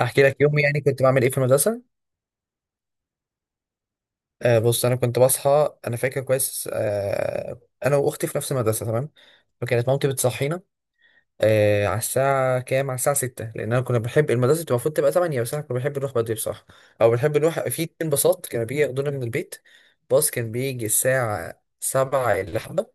احكي لك يوم يعني كنت بعمل ايه في المدرسه. بص انا كنت بصحى، انا فاكر كويس انا واختي في نفس المدرسه، تمام. فكانت مامتي بتصحينا على الساعه كام، على الساعه 6، لان انا كنا بنحب المدرسه. تبقى المفروض تبقى 8 بس احنا كنا بنحب نروح بدري بصراحه. او بنحب نروح في اتنين باصات كانوا بيجي ياخدونا من البيت. باص كان بيجي الساعه 7 الا حبه،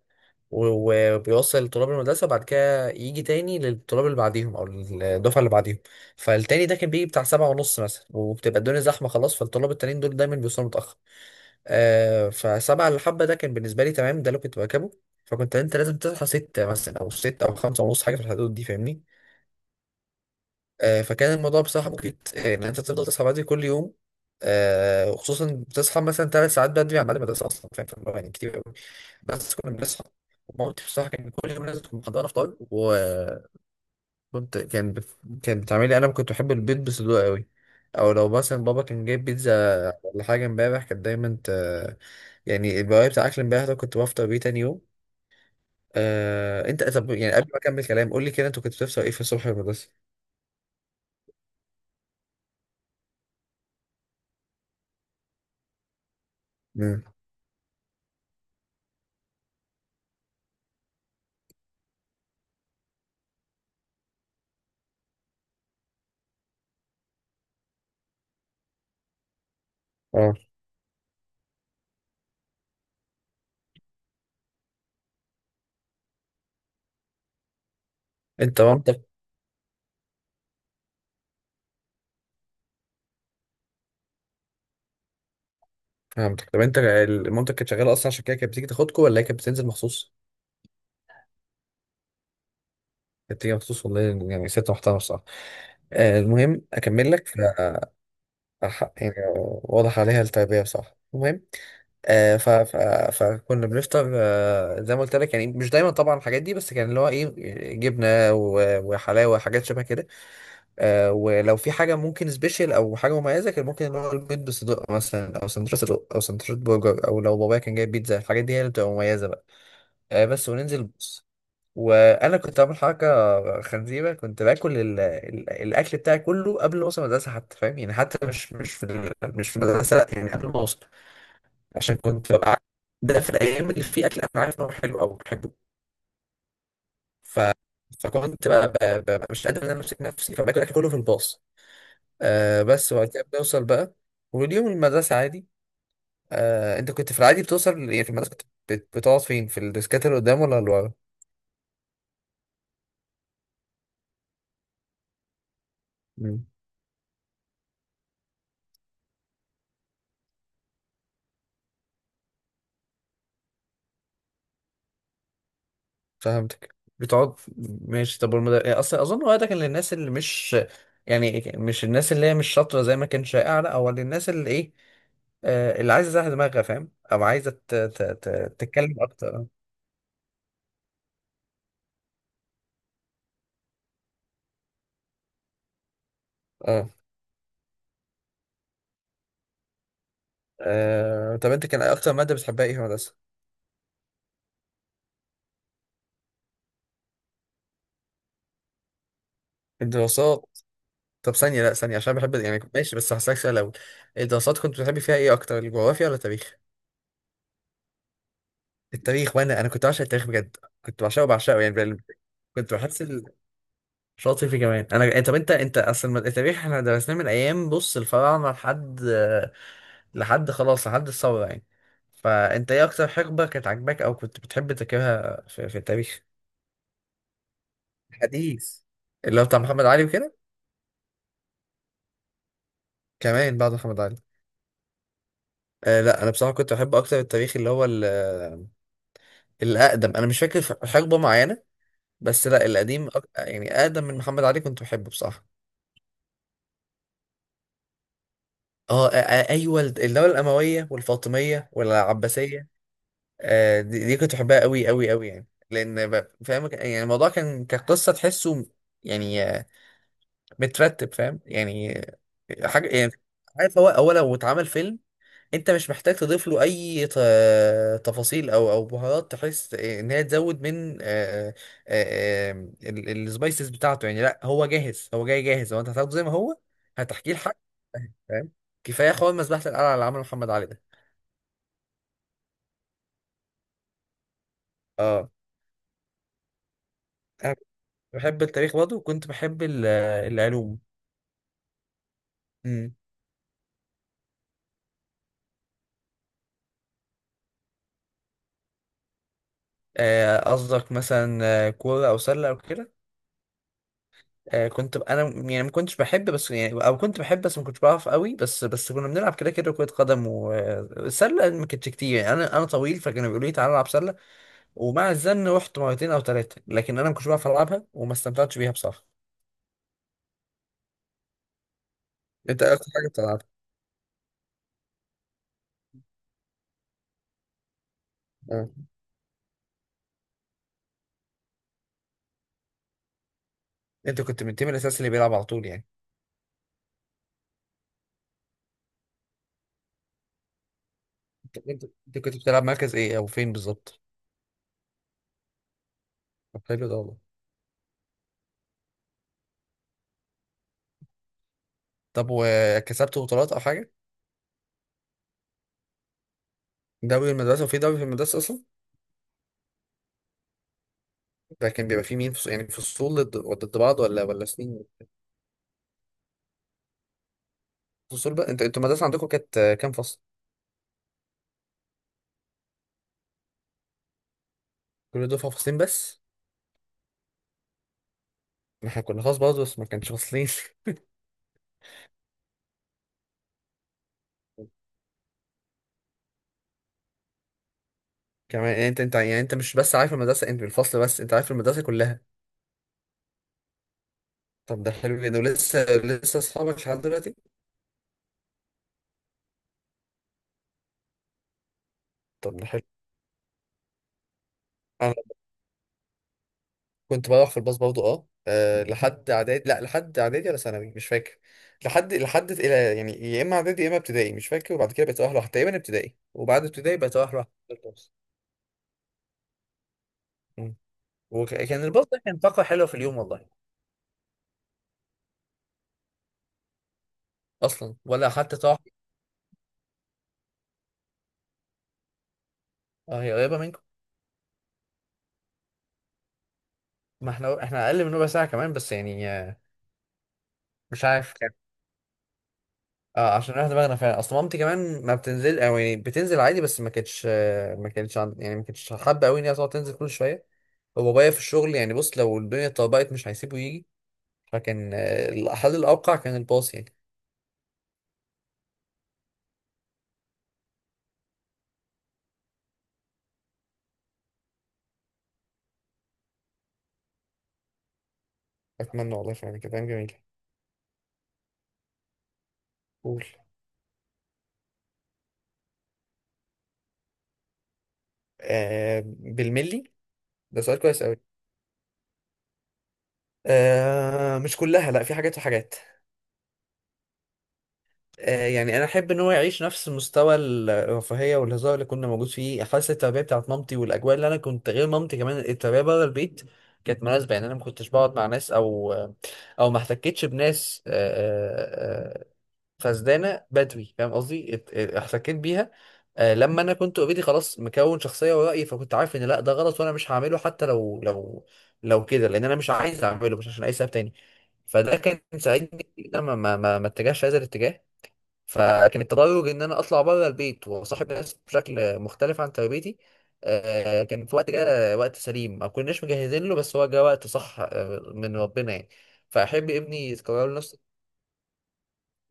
وبيوصل طلاب المدرسة، بعد كده يجي تاني للطلاب اللي بعديهم أو الدفعة اللي بعديهم. فالتاني ده كان بيجي بتاع سبعة ونص مثلا، وبتبقى الدنيا زحمة خلاص، فالطلاب التانيين دول دايما بيوصلوا متأخر. فسبعة اللي حبة ده كان بالنسبة لي تمام، ده اللي كنت بركبه. فكنت انت لازم تصحى ستة مثلا، أو ستة أو خمسة ونص، حاجة في الحدود دي، فاهمني؟ فكان الموضوع بصراحة مجهد، إن أنت تفضل تصحى بدري كل يوم. وخصوصا بتصحى مثلا ثلاث ساعات بدري عن بعد المدرسة أصلا، فاهم؟ فاللي هو يعني كتير أوي. بس كنا بنصحى. مامتي بصراحة كان كل يوم لازم تكون محضرة فطار، كان بت... كانت بتعملي، أنا كنت بحب البيض بصدور قوي. أو لو مثلا بابا كان جايب بيتزا ولا حاجة امبارح، يعني البواقي بتاع أكل امبارح، ده كنت بفطر بيه تاني يوم. أنت، طب يعني قبل ما أكمل كلام، قول لي كده، أنت كنت بتفطر إيه في الصبح في المدرسة؟ مم. اه. انت مامتك. فهمتك. طب انت مامتك كانت شغاله اصلا عشان كده كانت بتيجي تاخدكم، ولا هي كانت بتنزل مخصوص؟ كانت بتيجي مخصوص والله. يعني ست محترمه بصراحه. المهم اكمل لك، يعني واضح عليها التربيه بصراحه. المهم آه، ف... ف... فكنا بنفطر، زي ما قلت لك يعني، مش دايما طبعا الحاجات دي، بس كان اللي هو ايه؟ جبنه وحلاوه، حاجات شبه كده. ولو في حاجه ممكن سبيشال او حاجه مميزه، كان ممكن اللي هو البيض بصدق مثلا، او سندوتش صدق، او سندوتش برجر، او لو بابايا كان جايب بيتزا، الحاجات دي هي اللي بتبقى مميزه. بس وننزل بص. وانا كنت عامل حركه خنزيره، كنت باكل الاكل بتاعي كله قبل ما اوصل المدرسه حتى، فاهم؟ يعني حتى مش في المدرسه، لأ، يعني قبل ما اوصل. عشان كنت ببقى، ده في الايام اللي في اكل انا عارف انه حلو او بحبه. ف... فكنت بقى مش قادر ان انا امسك نفسي، فباكل الاكل كله في الباص. بس وبعد كده بنوصل بقى، واليوم المدرسه عادي. انت كنت في العادي بتوصل، يعني في المدرسه كنت بتقعد فين؟ في الديسكات اللي قدام ولا اللي ورا؟ فهمتك بتقعد. ماشي. طب يعني اصلا اظن هو ده كان للناس اللي مش، يعني مش الناس اللي هي مش شاطره زي ما كان شائع، لا هو للناس اللي ايه. اللي عايزه تزهق دماغها فاهم، او عايزه تتكلم اكتر. اه. طب انت كان اكتر ماده بتحبها ايه في المدرسه؟ الدراسات. طب ثانيه، لا ثانيه، عشان بحب يعني ماشي، بس هسألك سؤال الاول. الدراسات كنت بتحبي فيها ايه اكتر، الجغرافيا ولا التاريخ؟ التاريخ. وانا كنت بعشق التاريخ بجد. كنت بعشقه بعشقه يعني كنت بحس شاطر فيه كمان انا. طب انت اصل التاريخ احنا درسناه من ايام، بص، الفراعنه لحد خلاص، لحد الثوره يعني. فانت ايه اكتر حقبه كانت عاجباك او كنت بتحب تذاكرها في التاريخ؟ حديث. اللي هو بتاع محمد علي وكده؟ كمان بعد محمد علي. لا انا بصراحه كنت بحب اكتر التاريخ اللي هو الاقدم، انا مش فاكر حقبه معينه. بس لا، القديم، يعني اقدم من محمد علي كنت بحبه بصراحه. اه. ايوه، الدوله الامويه والفاطميه والعباسيه. دي كنت بحبها قوي قوي قوي يعني، لان فاهم، يعني الموضوع كان كقصه تحسه يعني، مترتب، فاهم يعني، حاجه يعني. عارف، هو هو لو اتعمل فيلم، انت مش محتاج تضيف له اي تفاصيل او بهارات، تحس ان هي تزود من السبايسز بتاعته يعني، لا هو جاهز، هو جاي جاهز، هو انت هتاخده زي ما هو. هتحكيه الحق، فاهم؟ كفايه حوار مذبحه القلعه اللي عمله محمد علي ده. اه. انا بحب التاريخ برضه، وكنت بحب العلوم. مم. قصدك مثلا، كورة أو سلة أو كده؟ كنت أنا يعني ما كنتش بحب، بس يعني أو كنت بحب بس ما كنتش بعرف قوي، بس كنا بنلعب كده كده كرة قدم، والسلة ما كانتش كتير يعني، أنا طويل فكانوا بيقولوا لي تعالى العب سلة. ومع الزن رحت مرتين أو ثلاثة، لكن أنا ما كنتش بعرف ألعبها وما استمتعتش بيها بصراحة. أنت إيه أكتر حاجة بتلعبها؟ أه. أنت كنت من التيم الأساسي اللي بيلعب على طول يعني؟ أنت كنت بتلعب مركز إيه، أو فين بالظبط؟ طب حلو ده والله. طب وكسبت بطولات أو حاجة؟ دوري المدرسة؟ وفي دوري في المدرسة أصلا؟ ده كان بيبقى فيه مين يعني فصول ضد بعض، ولا سنين؟ فصول بقى. انت انتوا المدرسة عندكم كانت كام فصل؟ كل دفعة فصلين بس؟ ما احنا كنا خاص برضه، بس ما كانش فصلين. كمان يعني، انت يعني، انت مش بس عارف المدرسة، انت الفصل بس، انت عارف المدرسة كلها. طب ده حلو جدا، ولسه لسه اصحابك لحد دلوقتي؟ طب ده حلو. انا كنت بروح في الباص برضه. اه. لحد اعدادي، لا لحد اعدادي ولا ثانوي، مش فاكر. لحد الى يعني، يا اما اعدادي يا اما ابتدائي، مش فاكر. وبعد كده بقيت اروح لوحدي تقريبا، ابتدائي، وبعد ابتدائي بقيت اروح لوحدي. وكان الباص ده كان طاقة حلوة في اليوم والله. أصلا، ولا أخدت طاقة؟ أه، هي قريبة منكم؟ ما احنا أقل من ربع ساعة كمان، بس يعني، مش عارف كان. اه عشان راح دماغنا فعلا، أصل مامتي كمان ما بتنزل، أو يعني بتنزل عادي، بس ما كانتش، يعني ما كانتش حابة أوي إن هي تقعد تنزل كل شوية. وبابايا في الشغل يعني، بص، لو الدنيا اتطبقت مش هيسيبه يجي. فكان الحل الأوقع كان الباص يعني. أتمنى والله، فعلا كلام جميل. قول. بالملي. ده سؤال كويس أوي. مش كلها، لا في حاجات وحاجات. يعني انا احب ان هو يعيش نفس مستوى الرفاهيه والهزار اللي كنا موجود فيه، حاسه التربيه بتاعت مامتي والاجواء اللي انا كنت، غير مامتي كمان التربيه بره البيت كانت مناسبه، يعني انا ما كنتش بقعد مع ناس، او ما احتكتش بناس، فسدانه بدري، فاهم قصدي؟ احتكيت بيها لما انا كنت اوريدي خلاص مكون شخصيه ورأي، فكنت عارف ان لا ده غلط وانا مش هعمله حتى لو كده، لان انا مش عايز اعمله، مش عشان اي سبب تاني. فده كان ساعدني إن أنا ما اتجهش هذا الاتجاه. فكان التدرج ان انا اطلع بره البيت واصاحب ناس بشكل مختلف عن تربيتي. كان في وقت، جه وقت سليم ما كناش مجهزين له، بس هو جه وقت صح، من ربنا يعني. فاحب ابني يتكرر له نفس.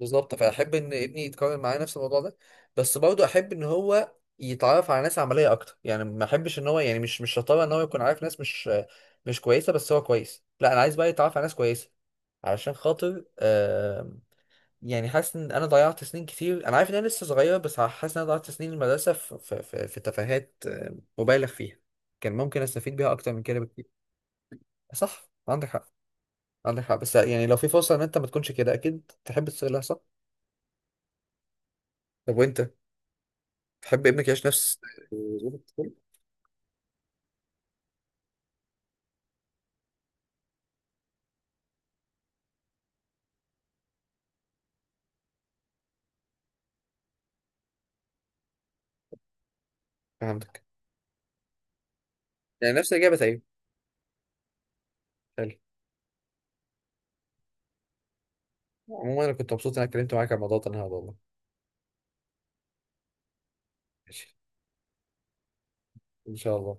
بالظبط، فاحب ان ابني يتكرر معايا نفس الموضوع ده. بس برضه احب ان هو يتعرف على ناس عمليه اكتر، يعني ما احبش ان هو، يعني مش شطاره ان هو يكون عارف ناس مش كويسه بس هو كويس، لا انا عايز بقى يتعرف على ناس كويسه. علشان خاطر، يعني حاسس ان انا ضيعت سنين كتير، انا عارف ان انا لسه صغير، بس حاسس ان انا ضيعت سنين المدرسه في تفاهات مبالغ فيها. كان ممكن استفيد بيها اكتر من كده بكتير. صح، عندك حق، عندك حق. بس يعني لو في فرصه ان انت ما تكونش كده، اكيد تحب تصير لها صح؟ طب وانت تحب ابنك يعيش نفس؟ عندك يعني نفس الاجابه تقريبا. حلو. عموما انا كنت مبسوط ان انا اتكلمت معاك عن الموضوع ده النهارده والله. ماشي. ان شاء الله.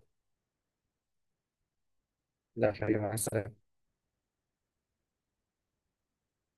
لا حبيبي، مع السلامه.